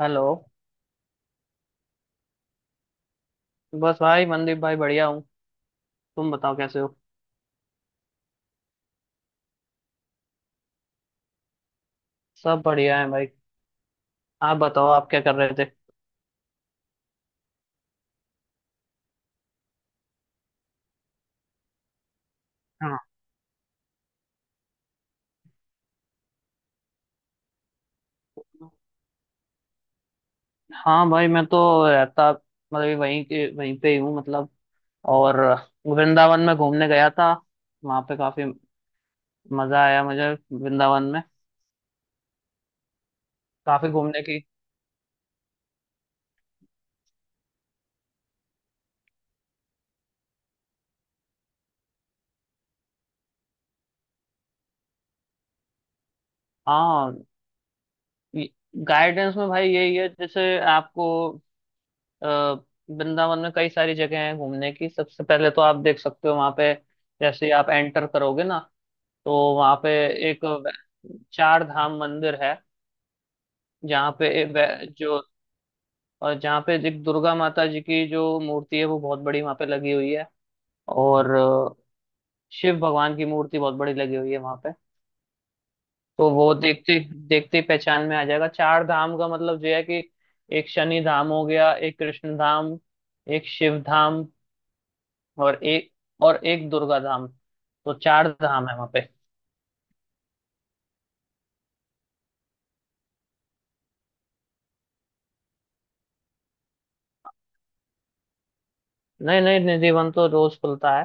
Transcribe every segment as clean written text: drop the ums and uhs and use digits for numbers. Hello. बस भाई मनदीप भाई बढ़िया हूँ। तुम बताओ कैसे हो। सब बढ़िया है भाई। आप बताओ आप क्या कर रहे थे। हाँ। हाँ भाई मैं तो रहता मतलब ये वहीं के वहीं पे ही हूँ मतलब। और वृंदावन में घूमने गया था। वहाँ पे काफी मजा आया मुझे वृंदावन में। काफी घूमने की। हाँ गाइडेंस में भाई यही है जैसे आपको अ, वृंदावन में कई सारी जगह हैं घूमने की। सबसे पहले तो आप देख सकते हो वहाँ पे जैसे ही आप एंटर करोगे ना तो वहाँ पे एक चार धाम मंदिर है। जहाँ पे एक वै- जो और जहाँ पे एक दुर्गा माता जी की जो मूर्ति है वो बहुत बड़ी वहाँ पे लगी हुई है। और शिव भगवान की मूर्ति बहुत बड़ी लगी हुई है वहाँ पे। तो वो देखते देखते ही पहचान में आ जाएगा चार धाम का मतलब जो है कि एक शनि धाम हो गया, एक कृष्ण धाम, एक शिव धाम और एक दुर्गा धाम। तो चार धाम है वहाँ पे। नहीं नहीं निधिवन तो रोज खुलता है।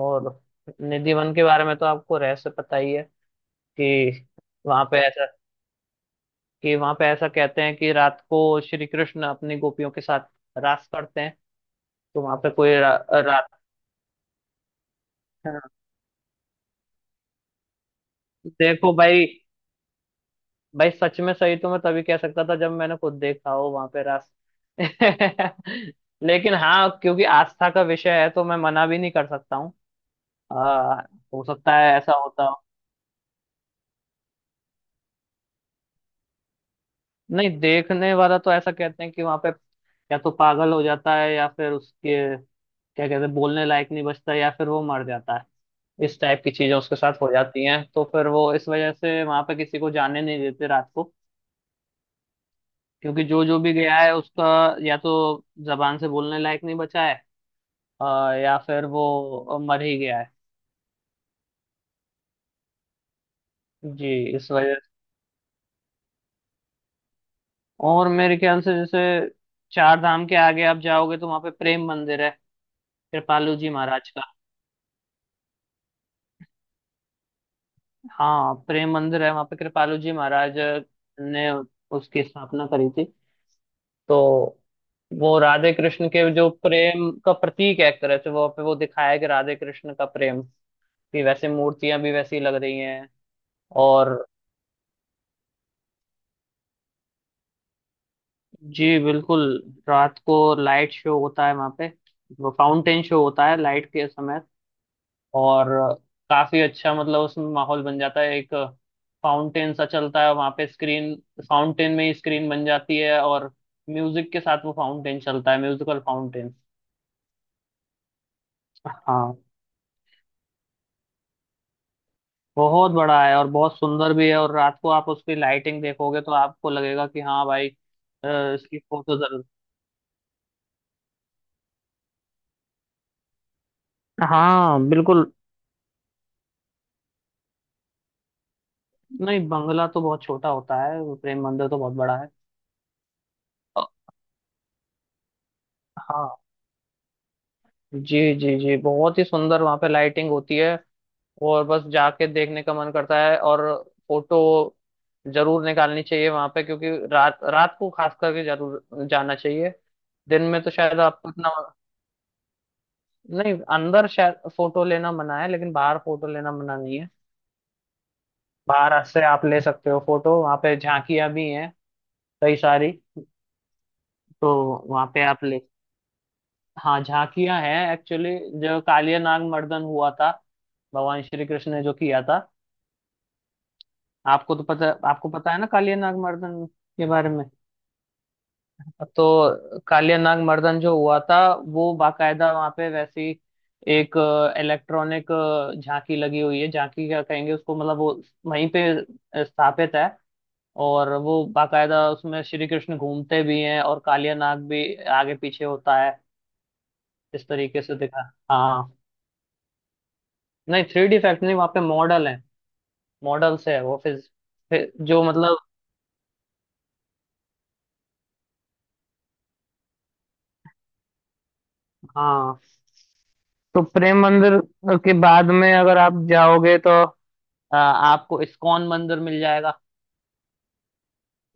और निधि वन के बारे में तो आपको रहस्य पता ही है कि वहां पे ऐसा वहां पे ऐसा कहते हैं कि रात को श्री कृष्ण अपनी गोपियों के साथ रास करते हैं। तो वहां पे कोई रात। हाँ। देखो भाई, सच में सही तो मैं तभी कह सकता था जब मैंने खुद देखा हो वहां पे रास लेकिन हाँ क्योंकि आस्था का विषय है तो मैं मना भी नहीं कर सकता हूँ। आ, हो सकता है ऐसा होता। नहीं देखने वाला तो ऐसा कहते हैं कि वहां पे या तो पागल हो जाता है या फिर उसके क्या कहते हैं बोलने लायक नहीं बचता या फिर वो मर जाता है। इस टाइप की चीजें उसके साथ हो जाती हैं तो फिर वो इस वजह से वहां पे किसी को जाने नहीं देते रात को। क्योंकि जो जो भी गया है उसका या तो जबान से बोलने लायक नहीं बचा है, अ, या फिर वो मर ही गया है। जी, इस वजह से। और मेरे ख्याल से जैसे चार धाम के आगे आप जाओगे तो वहां पे प्रेम मंदिर है कृपालू जी महाराज का। हाँ प्रेम मंदिर है वहाँ पे कृपालु जी महाराज ने उसकी स्थापना करी थी। तो वो राधे कृष्ण के जो प्रेम का प्रतीक है एक तरह से वो पे वो दिखाया है कि राधे कृष्ण का प्रेम, कि वैसे मूर्तियां भी वैसी लग रही हैं। और जी बिल्कुल। रात को लाइट शो होता है वहाँ पे। वो फाउंटेन शो होता है लाइट के समय। और काफी अच्छा मतलब उसमें माहौल बन जाता है एक। फाउंटेन सा चलता है वहां पे, स्क्रीन फाउंटेन में ही स्क्रीन बन जाती है और म्यूजिक के साथ वो फाउंटेन चलता है, म्यूजिकल फाउंटेन। हाँ बहुत बड़ा है और बहुत सुंदर भी है। और रात को आप उसकी लाइटिंग देखोगे तो आपको लगेगा कि हाँ भाई इसकी फोटो जरूर। हाँ बिल्कुल। नहीं बंगला तो बहुत छोटा होता है, प्रेम मंदिर तो बहुत बड़ा है। अ, हाँ जी जी जी बहुत ही सुंदर वहाँ पे लाइटिंग होती है। और बस जाके देखने का मन करता है। और फोटो जरूर निकालनी चाहिए वहां पे क्योंकि रात रात को खास करके जरूर जाना चाहिए। दिन में तो शायद आपको इतना नहीं, अंदर शायद फोटो लेना मना है लेकिन बाहर फोटो लेना मना नहीं है। बाहर से आप ले सकते हो फोटो। वहां पे झांकियां भी हैं कई सारी। तो वहां पे आप ले, हाँ झांकियां हैं एक्चुअली। जो कालिया नाग मर्दन हुआ था भगवान श्री कृष्ण ने जो किया था, आपको पता है ना कालिया नाग मर्दन के बारे में। तो कालिया नाग मर्दन जो हुआ था वो बाकायदा वहां पे वैसी एक इलेक्ट्रॉनिक झांकी लगी हुई है। झांकी क्या कहेंगे उसको, मतलब वो वहीं पे स्थापित है। और वो बाकायदा उसमें श्री कृष्ण घूमते भी हैं और कालिया नाग भी आगे पीछे होता है। इस तरीके से दिखा। हाँ, नहीं थ्री डी इफेक्ट नहीं, वहाँ पे मॉडल है। मॉडल से है वो फिर जो मतलब। हाँ, तो प्रेम मंदिर के बाद में अगर आप जाओगे तो आपको इस्कॉन मंदिर मिल जाएगा।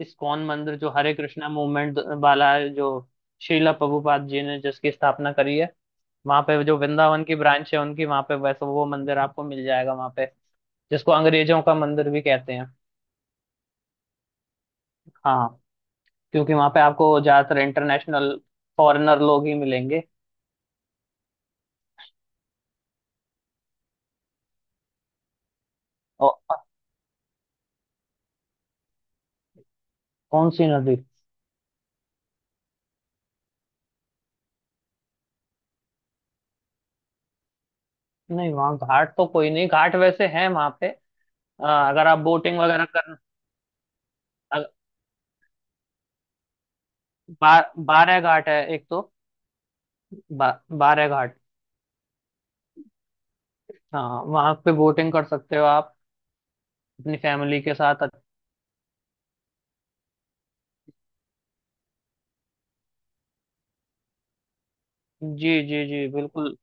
इस्कॉन मंदिर जो हरे कृष्णा मूवमेंट वाला है, जो श्रीला प्रभुपाद जी ने जिसकी स्थापना करी है। वहां पे जो वृंदावन की ब्रांच है उनकी, वहां पे वैसे वो मंदिर आपको मिल जाएगा वहां पे, जिसको अंग्रेजों का मंदिर भी कहते हैं। हाँ क्योंकि वहां पे आपको ज्यादातर इंटरनेशनल फॉरेनर लोग ही मिलेंगे। और कौन सी नदी। नहीं वहाँ घाट तो कोई नहीं, घाट वैसे है वहां पे, अ, अगर आप बोटिंग वगैरह करना। बारह घाट है एक तो, बा, बारह घाट। हाँ वहाँ पे बोटिंग कर सकते हो आप अपनी फैमिली के साथ जी जी जी बिल्कुल।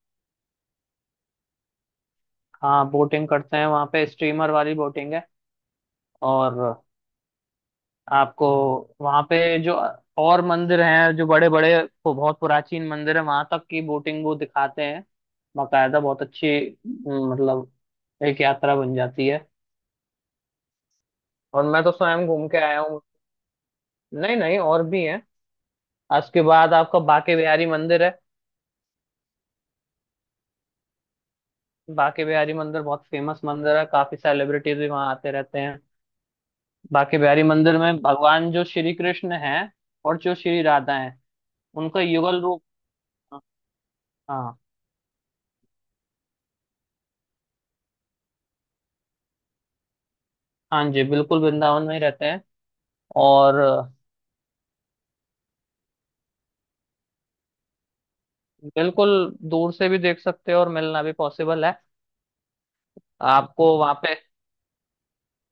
हाँ बोटिंग करते हैं वहाँ पे, स्टीमर वाली बोटिंग है। और आपको वहाँ पे जो और मंदिर हैं जो बड़े बड़े बहुत प्राचीन मंदिर है वहाँ तक की बोटिंग वो दिखाते हैं बाकायदा बहुत अच्छी। मतलब एक यात्रा बन जाती है। और मैं तो स्वयं घूम के आया हूँ। नहीं नहीं और भी हैं। उसके बाद आपका बांके बिहारी मंदिर है। बांके बिहारी मंदिर बहुत फेमस मंदिर है, काफी सेलिब्रिटीज भी वहाँ आते रहते हैं। बांके बिहारी मंदिर में भगवान जो श्री कृष्ण हैं और जो श्री राधा हैं उनका युगल रूप। हाँ, हाँ जी बिल्कुल वृंदावन में ही रहते हैं। और बिल्कुल दूर से भी देख सकते हो और मिलना भी पॉसिबल है। आपको वहाँ पे,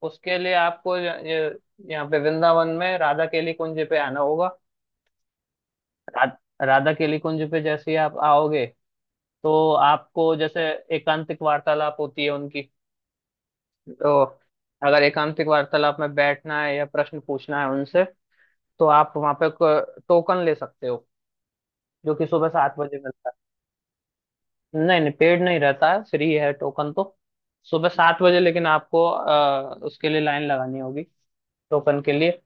उसके लिए आपको ये यहाँ पे वृंदावन में राधा केली कुंज पे आना होगा। रा, राधा केली कुंज पे जैसे ही आप आओगे तो आपको जैसे एकांतिक वार्तालाप होती है उनकी। तो अगर एकांतिक वार्तालाप में बैठना है या प्रश्न पूछना है उनसे तो आप वहां पे टोकन ले सकते हो जो कि सुबह सात बजे मिलता है। नहीं नहीं पेड नहीं रहता है, फ्री है टोकन तो। सुबह सात बजे, लेकिन आपको उसके लिए लाइन लगानी होगी टोकन के लिए।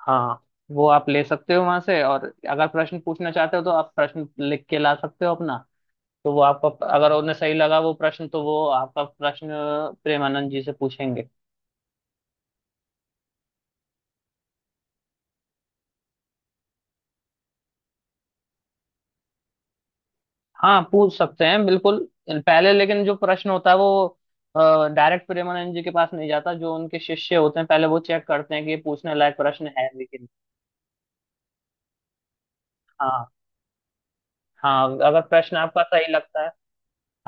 हाँ हाँ, वो आप ले सकते हो वहां से। और अगर प्रश्न पूछना चाहते हो तो आप प्रश्न लिख के ला सकते हो अपना। तो वो आपको, अगर उन्हें सही लगा वो प्रश्न, तो वो आपका प्रश्न प्रेमानंद जी से पूछेंगे। हाँ पूछ सकते हैं बिल्कुल। पहले लेकिन जो प्रश्न होता है वो डायरेक्ट प्रेमानंद जी के पास नहीं जाता, जो उनके शिष्य होते हैं पहले वो चेक करते हैं कि ये पूछने लायक प्रश्न है लेकिन। हाँ, हाँ अगर प्रश्न आपका सही लगता है,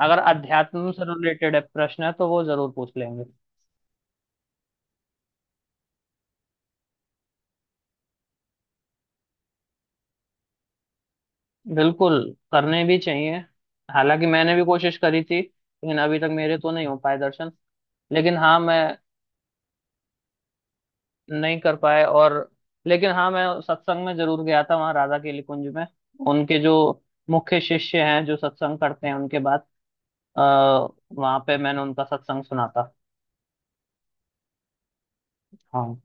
अगर अध्यात्म से रिलेटेड है प्रश्न है तो वो जरूर पूछ लेंगे। बिल्कुल, करने भी चाहिए। हालांकि मैंने भी कोशिश करी थी लेकिन अभी तक मेरे तो नहीं हो पाए दर्शन। लेकिन हाँ मैं, नहीं कर पाए। और लेकिन हाँ मैं सत्संग में जरूर गया था वहाँ राधा केली कुंज में। उनके जो मुख्य शिष्य हैं जो सत्संग करते हैं उनके बाद अः वहां पे मैंने उनका सत्संग सुना था। हाँ।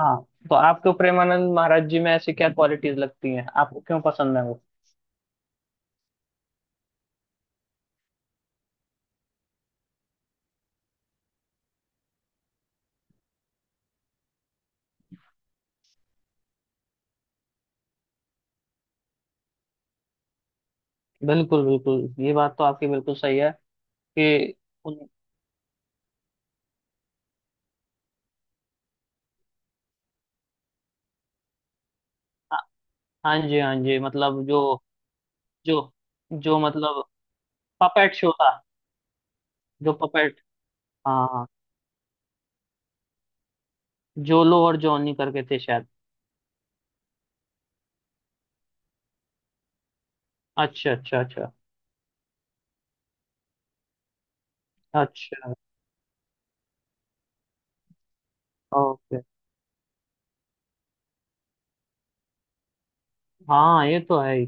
हाँ तो आपको प्रेमानंद महाराज जी में ऐसी क्या क्वालिटीज लगती हैं, आपको क्यों पसंद है वो। बिल्कुल बिल्कुल, ये बात तो आपकी बिल्कुल सही है कि उन। हाँ, हाँ जी हाँ जी मतलब जो, जो जो मतलब पपेट शो था जो पपेट। हाँ हाँ, जोलो और जॉनी करके थे शायद। अच्छा अच्छा अच्छा। अच्छा ओके। हाँ ये तो है ही।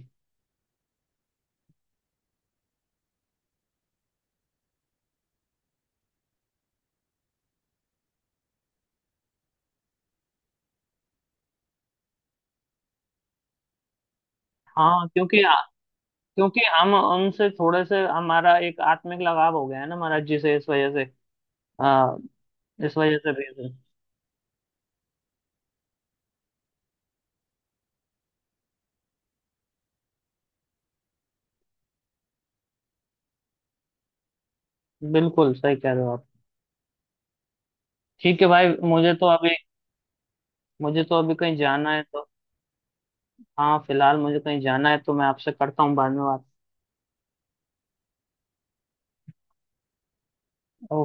हाँ क्योंकि क्योंकि हम उनसे थोड़े से हमारा एक आत्मिक लगाव हो गया है ना महाराज जी से, इस वजह से आ, इस वजह से भेज रहे हैं। बिल्कुल सही कह रहे हो आप। ठीक है भाई, मुझे तो अभी कहीं जाना है तो। हाँ फिलहाल मुझे कहीं जाना है तो मैं आपसे करता हूँ बाद में बात।